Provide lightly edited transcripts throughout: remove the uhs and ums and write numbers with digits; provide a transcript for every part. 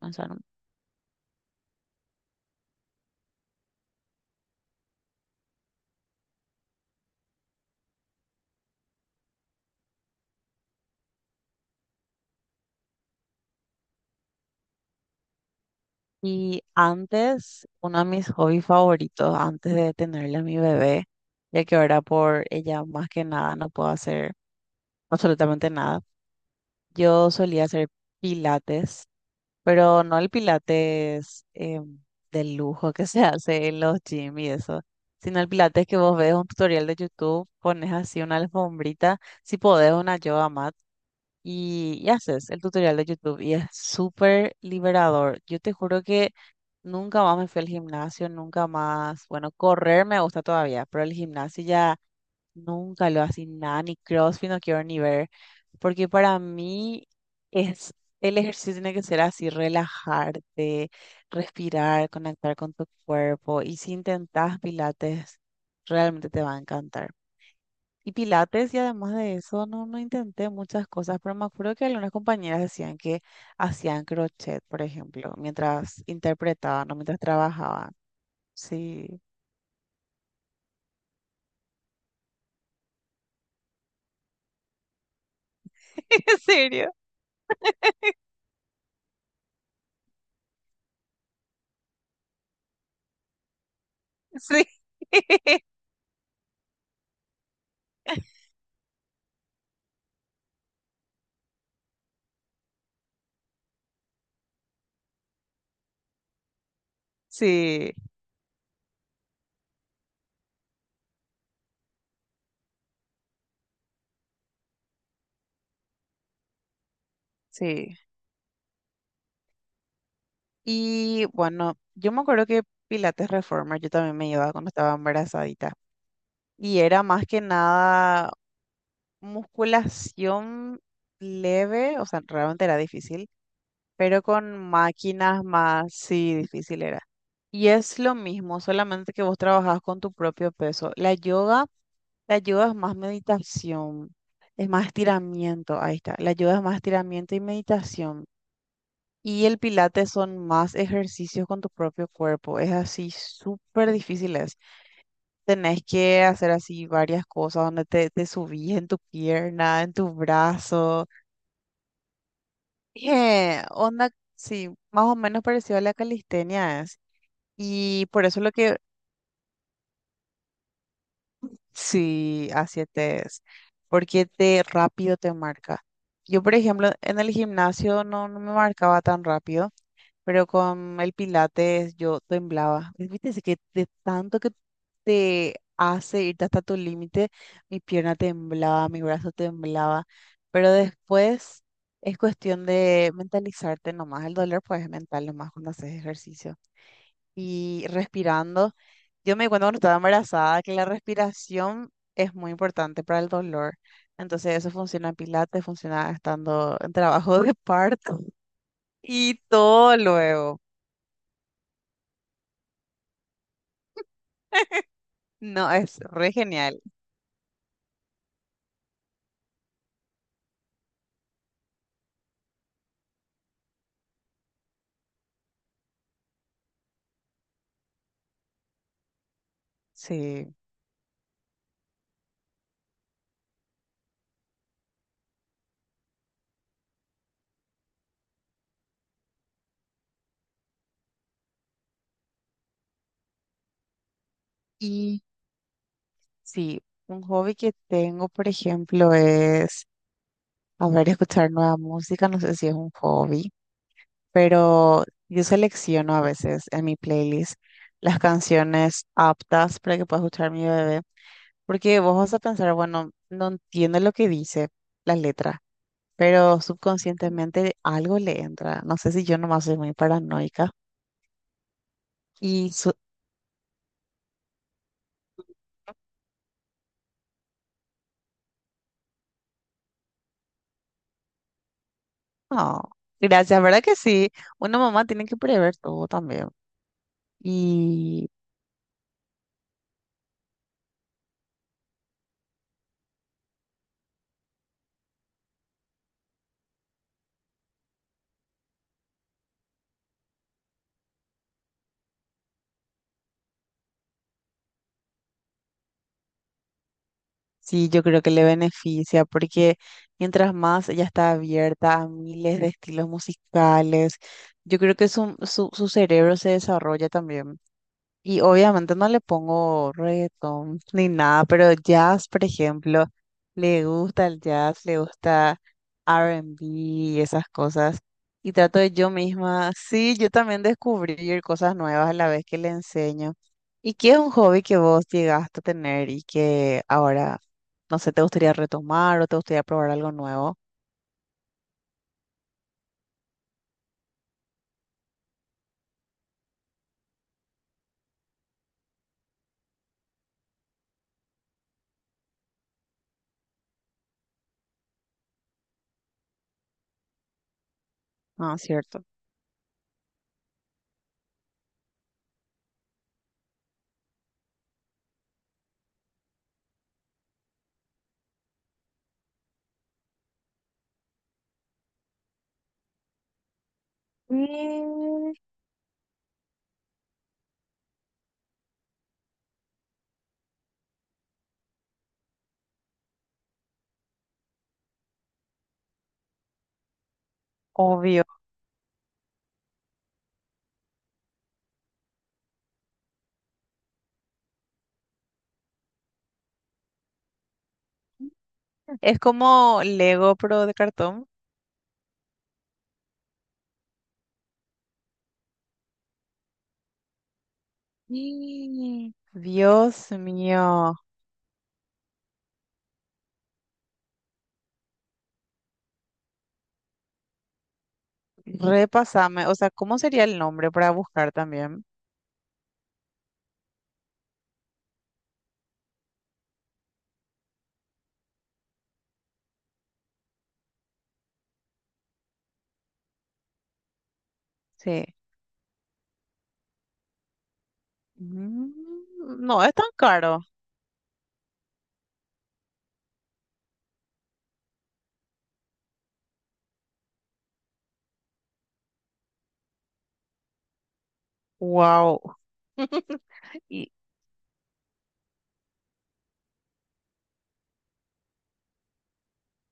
Pensaron. Y antes, uno de mis hobbies favoritos, antes de tenerle a mi bebé, ya que ahora por ella más que nada no puedo hacer absolutamente nada, yo solía hacer pilates, pero no el pilates de lujo que se hace en los gym y eso, sino el pilates que vos ves un tutorial de YouTube, pones así una alfombrita, si podés una yoga mat y, haces el tutorial de YouTube y es súper liberador. Yo te juro que nunca más me fui al gimnasio, nunca más, bueno, correr me gusta todavía, pero el gimnasio ya nunca lo así nada, ni CrossFit no quiero ni ver, porque para mí es, el ejercicio tiene que ser así, relajarte, respirar, conectar con tu cuerpo y si intentas pilates, realmente te va a encantar. Y Pilates, y además de eso, no, no intenté muchas cosas, pero me acuerdo que algunas compañeras decían que hacían crochet, por ejemplo, mientras interpretaban o mientras trabajaban. Sí, ¿en serio? Sí, sí, sí. Y bueno, yo me acuerdo que Pilates Reformer yo también me llevaba cuando estaba embarazadita. Y era más que nada musculación leve, o sea, realmente era difícil, pero con máquinas más, sí, difícil era. Y es lo mismo, solamente que vos trabajás con tu propio peso. La yoga es más meditación, es más estiramiento, ahí está. La yoga es más estiramiento y meditación. Y el pilates son más ejercicios con tu propio cuerpo. Es así, súper difícil es. Tenés que hacer así varias cosas donde te subís en tu pierna, en tu brazo. Onda, sí, más o menos parecido a la calistenia. Y por eso lo que sí, así te es, porque te rápido te marca. Yo, por ejemplo, en el gimnasio no, no me marcaba tan rápido, pero con el pilates yo temblaba. ¿Viste? Ese que de tanto que te hace irte hasta tu límite, mi pierna temblaba, mi brazo temblaba, pero después es cuestión de mentalizarte nomás. El dolor pues es mental nomás cuando haces ejercicio. Y respirando. Yo me di cuenta cuando estaba embarazada que la respiración es muy importante para el dolor. Entonces eso funciona en pilates, funciona estando en trabajo de parto y todo luego. No, es re genial. Sí. Y sí, un hobby que tengo, por ejemplo, es, a ver, escuchar nueva música. No sé si es un hobby, pero yo selecciono a veces en mi playlist las canciones aptas para que pueda escuchar mi bebé. Porque vos vas a pensar, bueno, no entiendo lo que dice la letra, pero subconscientemente algo le entra. No sé si yo nomás soy muy paranoica. Y su- no, gracias, ¿verdad que sí? Una mamá tiene que prever todo también. Y sí, yo creo que le beneficia porque mientras más ella está abierta a miles de estilos musicales, yo creo que su, su cerebro se desarrolla también. Y obviamente no le pongo reggaetón ni nada, pero jazz, por ejemplo, le gusta el jazz, le gusta R&B y esas cosas. Y trato de yo misma, sí, yo también descubrir cosas nuevas a la vez que le enseño. ¿Y qué es un hobby que vos llegaste a tener y que ahora, no sé, te gustaría retomar o te gustaría probar algo nuevo? Ah, cierto. Mm, obvio. Es como Lego, pero de cartón. Y Dios mío, repasame. O sea, ¿cómo sería el nombre para buscar también? Sí. Mm, no es tan caro. Wow. Y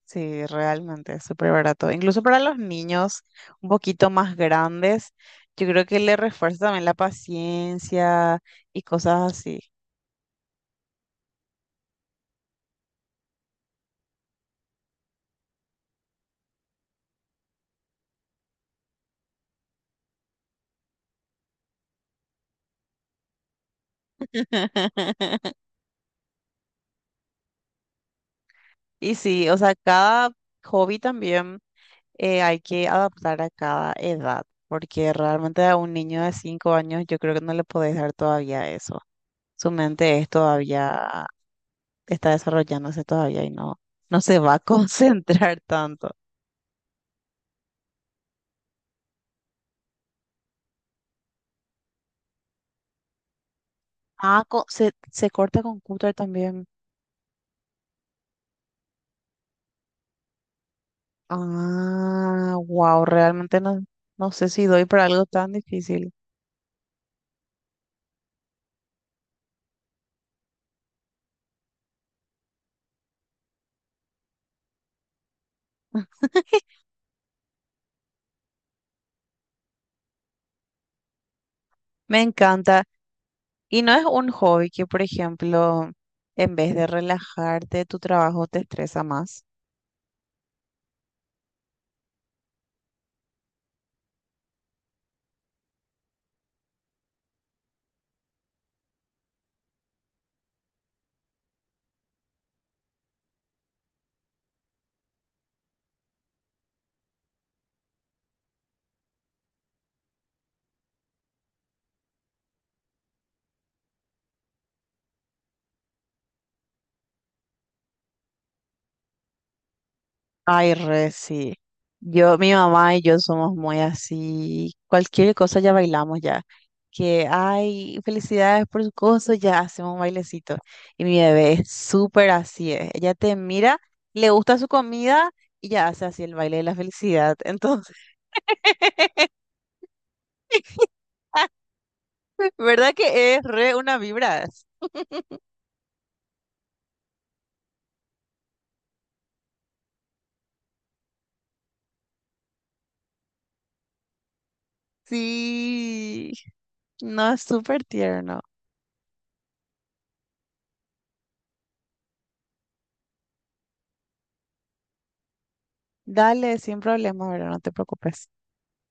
sí, realmente es súper barato. Incluso para los niños un poquito más grandes, yo creo que le refuerza también la paciencia y cosas así. Y sí, o sea, cada hobby también. Hay que adaptar a cada edad, porque realmente a un niño de 5 años yo creo que no le podés dar todavía eso. Su mente es todavía, está desarrollándose todavía y no, no se va a concentrar tanto. Ah, co- se corta con cúter también. Ah, wow, realmente no, no sé si doy para algo tan difícil. Me encanta. Y no es un hobby que, por ejemplo, en vez de relajarte, tu trabajo te estresa más. Ay, re, sí. Yo, mi mamá y yo somos muy así. Cualquier cosa ya bailamos ya. Que, ay, felicidades por su cosa, ya hacemos un bailecito. Y mi bebé es súper así. Ella te mira, le gusta su comida y ya hace así el baile de la felicidad. Entonces, ¿verdad que es re una vibra? Sí. No, es súper tierno. Dale, sin problema, ¿verdad? No te preocupes.